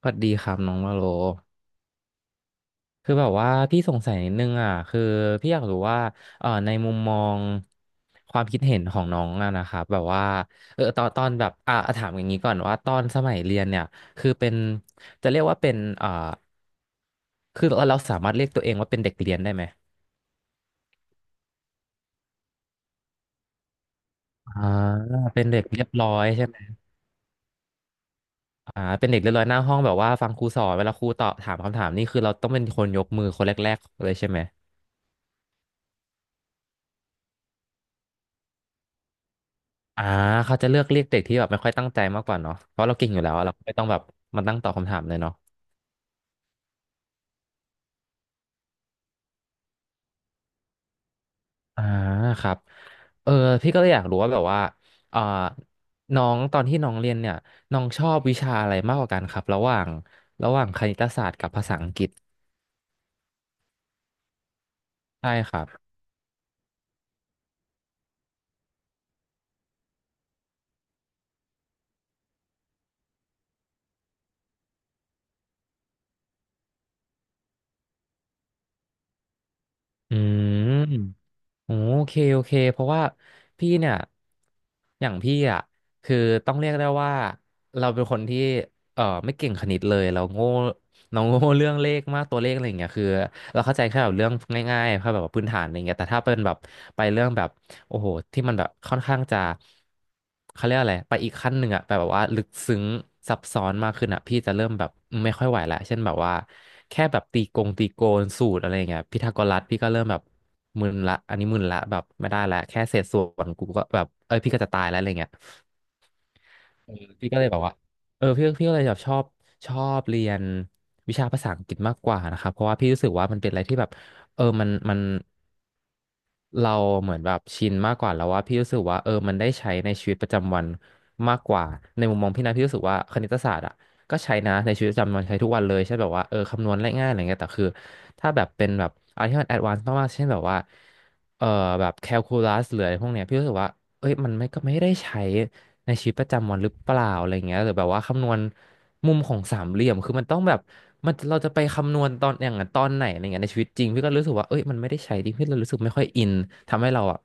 สวัสดีครับน้องวาโลคือแบบว่าพี่สงสัยนิดนึงอ่ะคือพี่อยากรู้ว่าในมุมมองความคิดเห็นของน้องอะนะครับแบบว่าตอนแบบอ่ะถามอย่างนี้ก่อนว่าตอนสมัยเรียนเนี่ยคือเป็นจะเรียกว่าเป็นคือเราสามารถเรียกตัวเองว่าเป็นเด็กเรียนได้ไหมอ่าเป็นเด็กเรียบร้อยใช่ไหมอ่าเป็นเด็กเรียบร้อยหน้าห้องแบบว่าฟังครูสอนเวลาครูตอบถามคำถามนี่คือเราต้องเป็นคนยกมือคนแรกๆเลยใช่ไหม อ่าเขาจะเลือกเรียกเด็กที่แบบไม่ค่อยตั้งใจมากกว่าเนาะเพราะเราเก่งอยู่แล้วอะเราไม่ต้องแบบมาตั้งตอบคำถามเลยเนาะอ่าครับเออพี่ก็เลยอยากรู้ว่าแบบว่าเอ่อน้องตอนที่น้องเรียนเนี่ยน้องชอบวิชาอะไรมากกว่ากันครับระหว่างระหว่างคณิตศาสตร์กับภาษาอังกฤษใช่ครับอืม โอเคโอเคเพราะว่าพี่เนี่ยอย่างพี่อ่ะคือต้องเรียกได้ว่าเราเป็นคนที่ไม่เก่งคณิตเลยเราโง่เราโง่เรื่องเลขมากตัวเลขอะไรอย่างเงี้ยคือเราเข้าใจแค่แบบเรื่องง่ายๆแค่แบบว่าพื้นฐานอะไรเงี้ยแต่ถ้าเป็นแบบไปเรื่องแบบ โอ้โหที่มันแบบค่อนข้างจะเขาเรียกอะไรไปอีกขั้นหนึ่งอะไปแบบว่าลึกซึ้งซับซ้อนมากขึ้นอะพี่จะเริ่มแบบไม่ค่อยไหวละเช่นแบบว่าแค่แบบตีกงตีโกนสูตรอะไรอย่างเงี้ยพีทาโกรัสพี่ก็เริ่มแบบมึนละอันนี้มึนละแบบไม่ได้ละแค่เศษส่วนกูก็แบบเอ้ยพี่ก็จะตายแล้วอะไรเงี้ยเออพี่ก็เลยแบบว่าพี่ก็เลยแบบชอบชอบเรียนวิชาภาษาอังกฤษมากกว่านะครับเพราะว่าพี่รู้สึกว่ามันเป็นอะไรที่แบบมัน เราเหมือนแบบชินมากกว่าแล้วว่าพี่รู้สึกว่ามันได้ใช้ในชีวิตประจำวันมากกว่าในมุมมองพี่นะพี่รู้สึกว่าคณิตศาสตร์อ่ะก็ใช้นะในชีวิตประจำวันใช้ทุกวันเลยใช่แบบว่าคำนวณง่ายๆอะไรเงี้ยแต่คือถ้าแบบเป็นแบบอะไรที่มันแอดวานซ์มากๆเช่นแบบว่าเออแบบแคลคูลัสหรืออะไรพวกเนี้ยพี่รู้สึกว่าเอ้ยมันไม่ก็ไม่ได้ใช้ ในชีวิตประจำวันหรือเปล่าอะไรเงี้ยหรือแบบว่าคำนวณมุมของสามเหลี่ยมคือมันต้องแบบมันเราจะไปคำนวณตอนอย่างนั้นตอนไหนอะไรเงี้ยในชีวิตจริงพี่ก็รู้สึกว่าเอ้ยมันไม่ได้ใช้ดิพี่เรารู้สึกไม่ค่อยอินทำให้เราอ่ะ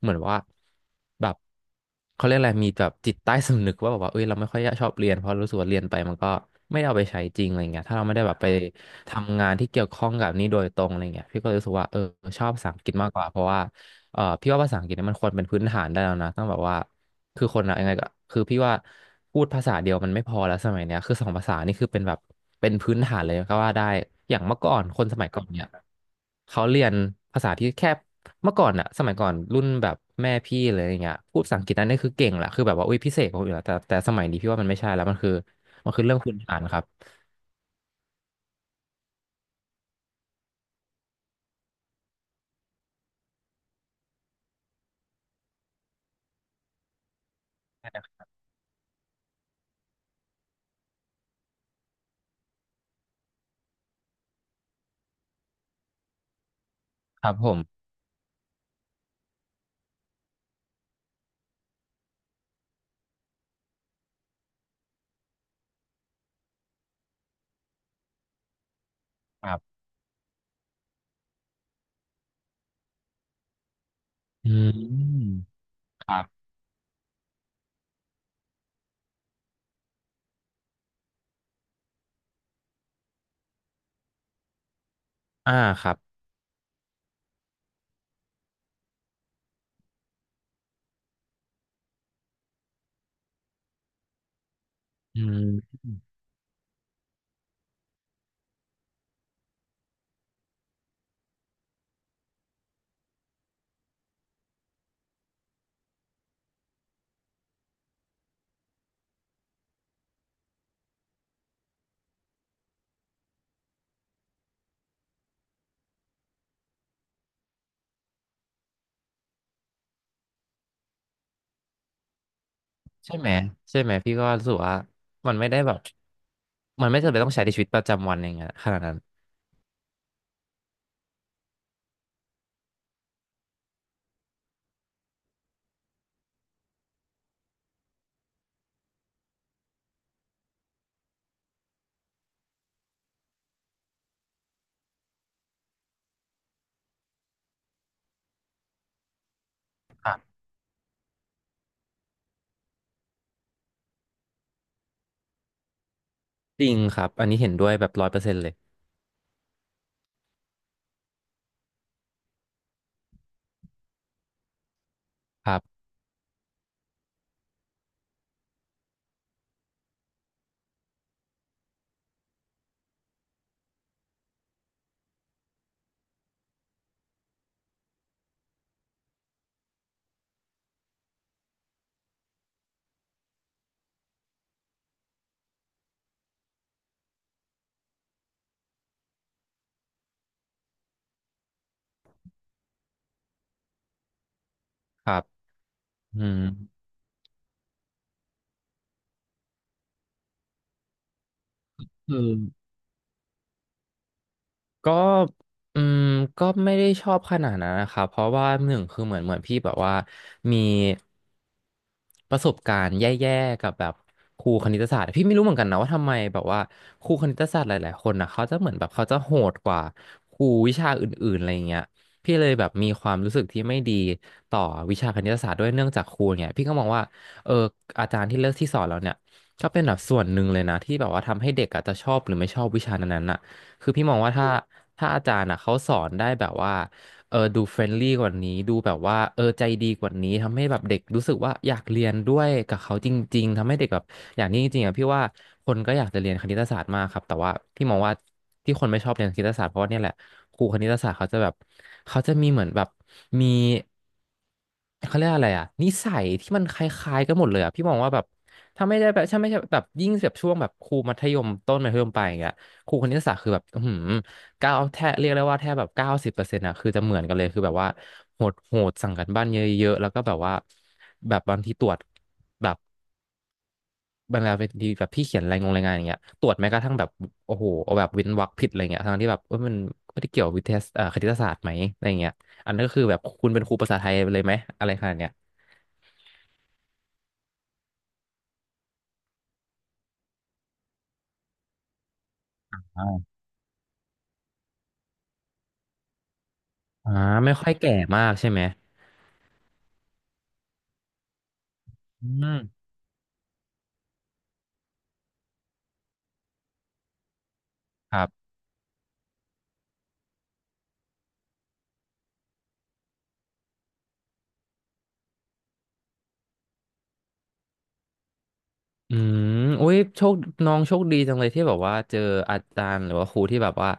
เหมือนว่าแบบเขาเรียกอะไรมีแบบจิตใต้สำนึกว่าแบบว่าเอ้ยเราไม่ค่อยชอบเรียนเพราะรู้สึกว่าเรียนไปมันก็ไม่ได้เอาไปใช้จริงอะไรเงี้ยถ้าเราไม่ได้แบบไปทำงานที่เกี่ยวข้องกับนี้โดยตรงอะไรเงี้ยพี่ก็เลยรู้สึกว่าชอบภาษาอังกฤษมากกว่าเพราะว่า พี่ว่าภาษาอังกฤษเนี่ยมันควรเป็นพื้นฐานได้แล้วนะต้องแบบว่าคือคนอะยังไงก็คือพี่ว่าพูดภาษาเดียวมันไม่พอแล้วสมัยเนี้ยคือสองภาษานี่คือเป็นแบบเป็นพื้นฐานเลยก็ว่าได้อย่างเมื่อก่อนคนสมัยก่อนเนี่ยเขาเรียนภาษาที่แค่เมื่อก่อนอะสมัยก่อนรุ่นแบบแม่พี่เลยอย่างเงี้ยพูดภาษาอังกฤษนั่นนี่คือเก่งแหละคือแบบว่าอุ้ยพิเศษกว่าคนอื่นละแต่สมัยนี้พี่ว่ามันไม่ใช่แล้วมันคือมันคือเรื่องพื้นฐานครับครับผมครับอืมครับอ่าครับอืม ใช่ไหมใช่ไหมพี่ก็รู้สึกว่ามันไม่ได้แบบมันไม่จำเป็นต้องใช้ในชีวิตประจำวันอย่างเงี้ยขนาดนั้นครับจริงครับอันนี้เห็นด้วยแบบ100%เลยครับครับอืมอือ ก็อืมก็ไม่ได้ชอบขนาดนั้นนะครับเพราะว่าหนึ่งคือเหมือนพี่แบบว่ามีประสบการณ์แย่ๆกับแบบครูคณิตศาสตร์พี่ไม่รู้เหมือนกันนะว่าทำไมแบบว่าครูคณิตศาสตร์หลายๆคนนะเขาจะเหมือนแบบเขาจะโหดกว่าครูวิชาอื่นๆอะไรเงี้ยพี่เลยแบบมีความรู้สึกที่ไม่ดีต่อวิชาคณิตศาสตร์ด้วยเนื่องจากครูเนี่ยพี่ก็มองว่าเอออาจารย์ที่เลือกที่สอนเราเนี่ยก็เป็นแบบส่วนหนึ่งเลยนะที่แบบว่าทำให้เด็กอาจจะชอบหรือไม่ชอบวิชานั้นๆน่ะ คือพี่มองว่าถ้าอาจารย์อ่ะเขาสอนได้แบบว่าเออดูเฟรนลี่กว่านี้ดูแบบว่าเออใจดีกว่านี้ทำให้แบบเด็กรู้สึกว่าอยากเรียนด้วยกับเขาจริงๆทำให้เด็กแบบอย่างนี้จริงๆอ่ะพี่ว่าคนก็อยากจะเรียนคณิตศาสตร์มากครับแต่ว่าพี่มองว่าที่คนไม่ชอบเรียนคณิตศาสตร์เพราะว่าเนี่ยแหละครูคณิตศาสตร์เขาจะแบบเขาจะมีเหมือนแบบมีเขาเรียกอะไรอ่ะนิสัยที่มันคล้ายๆกันหมดเลยอ่ะพี่มองว่าแบบถ้าไม่ได้แบบถ้าไม่ใช่แบบยิ่งแบบช่วงแบบครูมัธยมต้นมัธยมปลายอย่างเงี้ย ครูคณิตศาสตร์คือแบบอือหือเก้าแทบเรียกได้ว่าแทบแบบ90%อะคือจะเหมือนกันเลยคือแบบว่าโหดสั่งกันบ้านเยอะๆแล้วก็แบบว่าแบบบางทีตรวจแบบบางเวลาทีแบบพี่เขียนรายงงรายงานอย่างเงี้ยตรวจแม้กระทั่งแบบโอ้โหเอาแบบเว้นวรรคผิดอะไรเงี้ยทั้งที่แบบเอ้ยมันไม่ได้เกี่ยววิทยาคณิตศาสตร์ไหมอะไรเงี้ยอันนั้นก็คือแบบคุณเป็นครูภาษาไทยเลยไหมอะไรขนาดเนี้ยอ่าอ่าไม่ค่อยแก่มากใช่ไหมอืมครับ อืมอุ้ยโชคน้องโชคดีจังเลยที่แบบว่าเจออาจารย์หรือว่าครูที่แบบว่า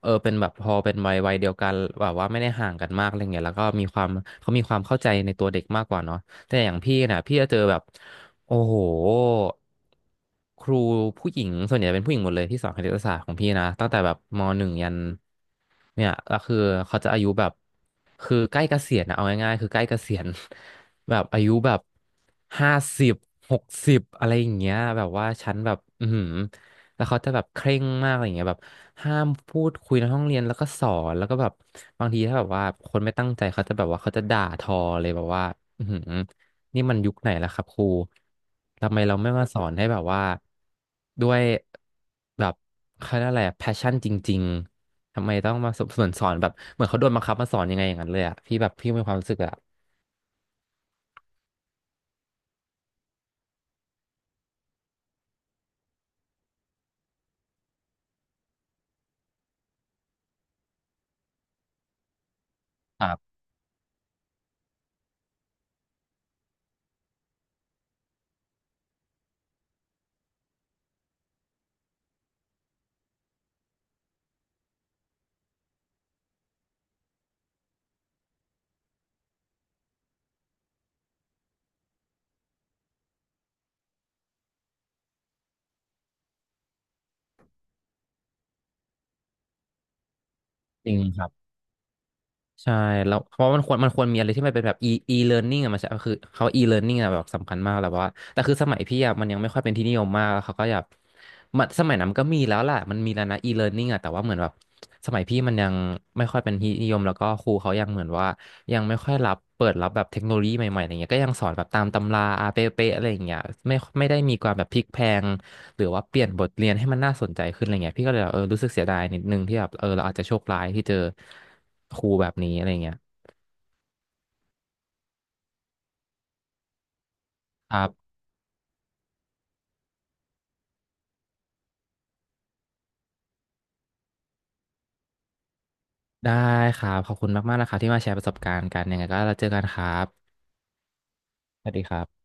เออเป็นแบบพอเป็นวัยเดียวกันแบบว่าไม่ได้ห่างกันมากอะไรเงี้ยแล้วก็มีความเขามีความเข้าใจในตัวเด็กมากกว่าเนาะ แต่อย่างพี่นะพี่จะเจอแบบโอ้โหครูผู้หญิงส่วนใหญ่เป็นผู้หญิงหมดเลยที่สอนคณิตศาสตร์ของพี่นะตั้งแต่แบบมหนึ่งยันเนี่ยก็คือเขาจะอายุแบบคือใกล้เกษียณนะเอาง่ายๆคือใกล้เกษียณ แบบอายุแบบ50สิบ60อะไรอย่างเงี้ยแบบว่าฉันแบบอือหือแล้วเขาจะแบบเคร่งมากอะไรอย่างเงี้ยแบบห้ามพูดคุยในห้องเรียนแล้วก็สอนแล้วก็แบบบางทีถ้าแบบว่าคนไม่ตั้งใจเขาจะแบบว่าเขาจะด่าทอเลยแบบว่าอือหือ นี่มันยุคไหนแล้วครับครู ทำไมเราไม่มาสอนให้แบบว่าด้วยแบบเขาเรียกอะไรแพชชั่นจริงๆ ทำไมต้องมาสอนแบบเหมือนเขาโดนบังคับมาสอนยังไงอย่างนั้นเลยอะพี่แบบพี่มีความรู้สึกอะครับจริงครับ ใช่แล้วเพราะมันควรมีอะไรที่มันเป็นแบบ e learning อะมันจะคือเขา e learning อะแบบสำคัญมากแล้วว่าแต่คือสมัยพี่อะมันยังไม่ค่อยเป็นที่นิยมมากแล้วเขาก็อยากมันสมัยนั้นก็มีแล้วแหละมันมีแล้วนะ e learning อะแต่ว่าเหมือนแบบสมัยพี่มันยังไม่ค่อยเป็นที่นิยมแล้วก็ครูเขายังเหมือนว่ายังไม่ค่อยรับเปิดรับแบบเทคโนโลยีใหม่ๆอะไรเงี้ยก็ยังสอนแบบตามตำราอาเป๊ะๆอะไรอย่างเงี้ยไม่ได้มีความแบบพลิกแพลง หรือว่าเปลี่ยนบทเรียนให้มันน่าสนใจขึ้นอะไรเงี้ยพี่ก็เลยแบบเออรู้สึกเสียดายนิดนึงที่แบบเออเราอาจจะโชคร้ายที่เจอครูแบบนี้อะไรเงี้ยครับได้ครับขอบคุณมากๆนะคะที่มาแชร์ประสบการณ์กันยังไงก็เราเจอกันครับสวัสดีครับ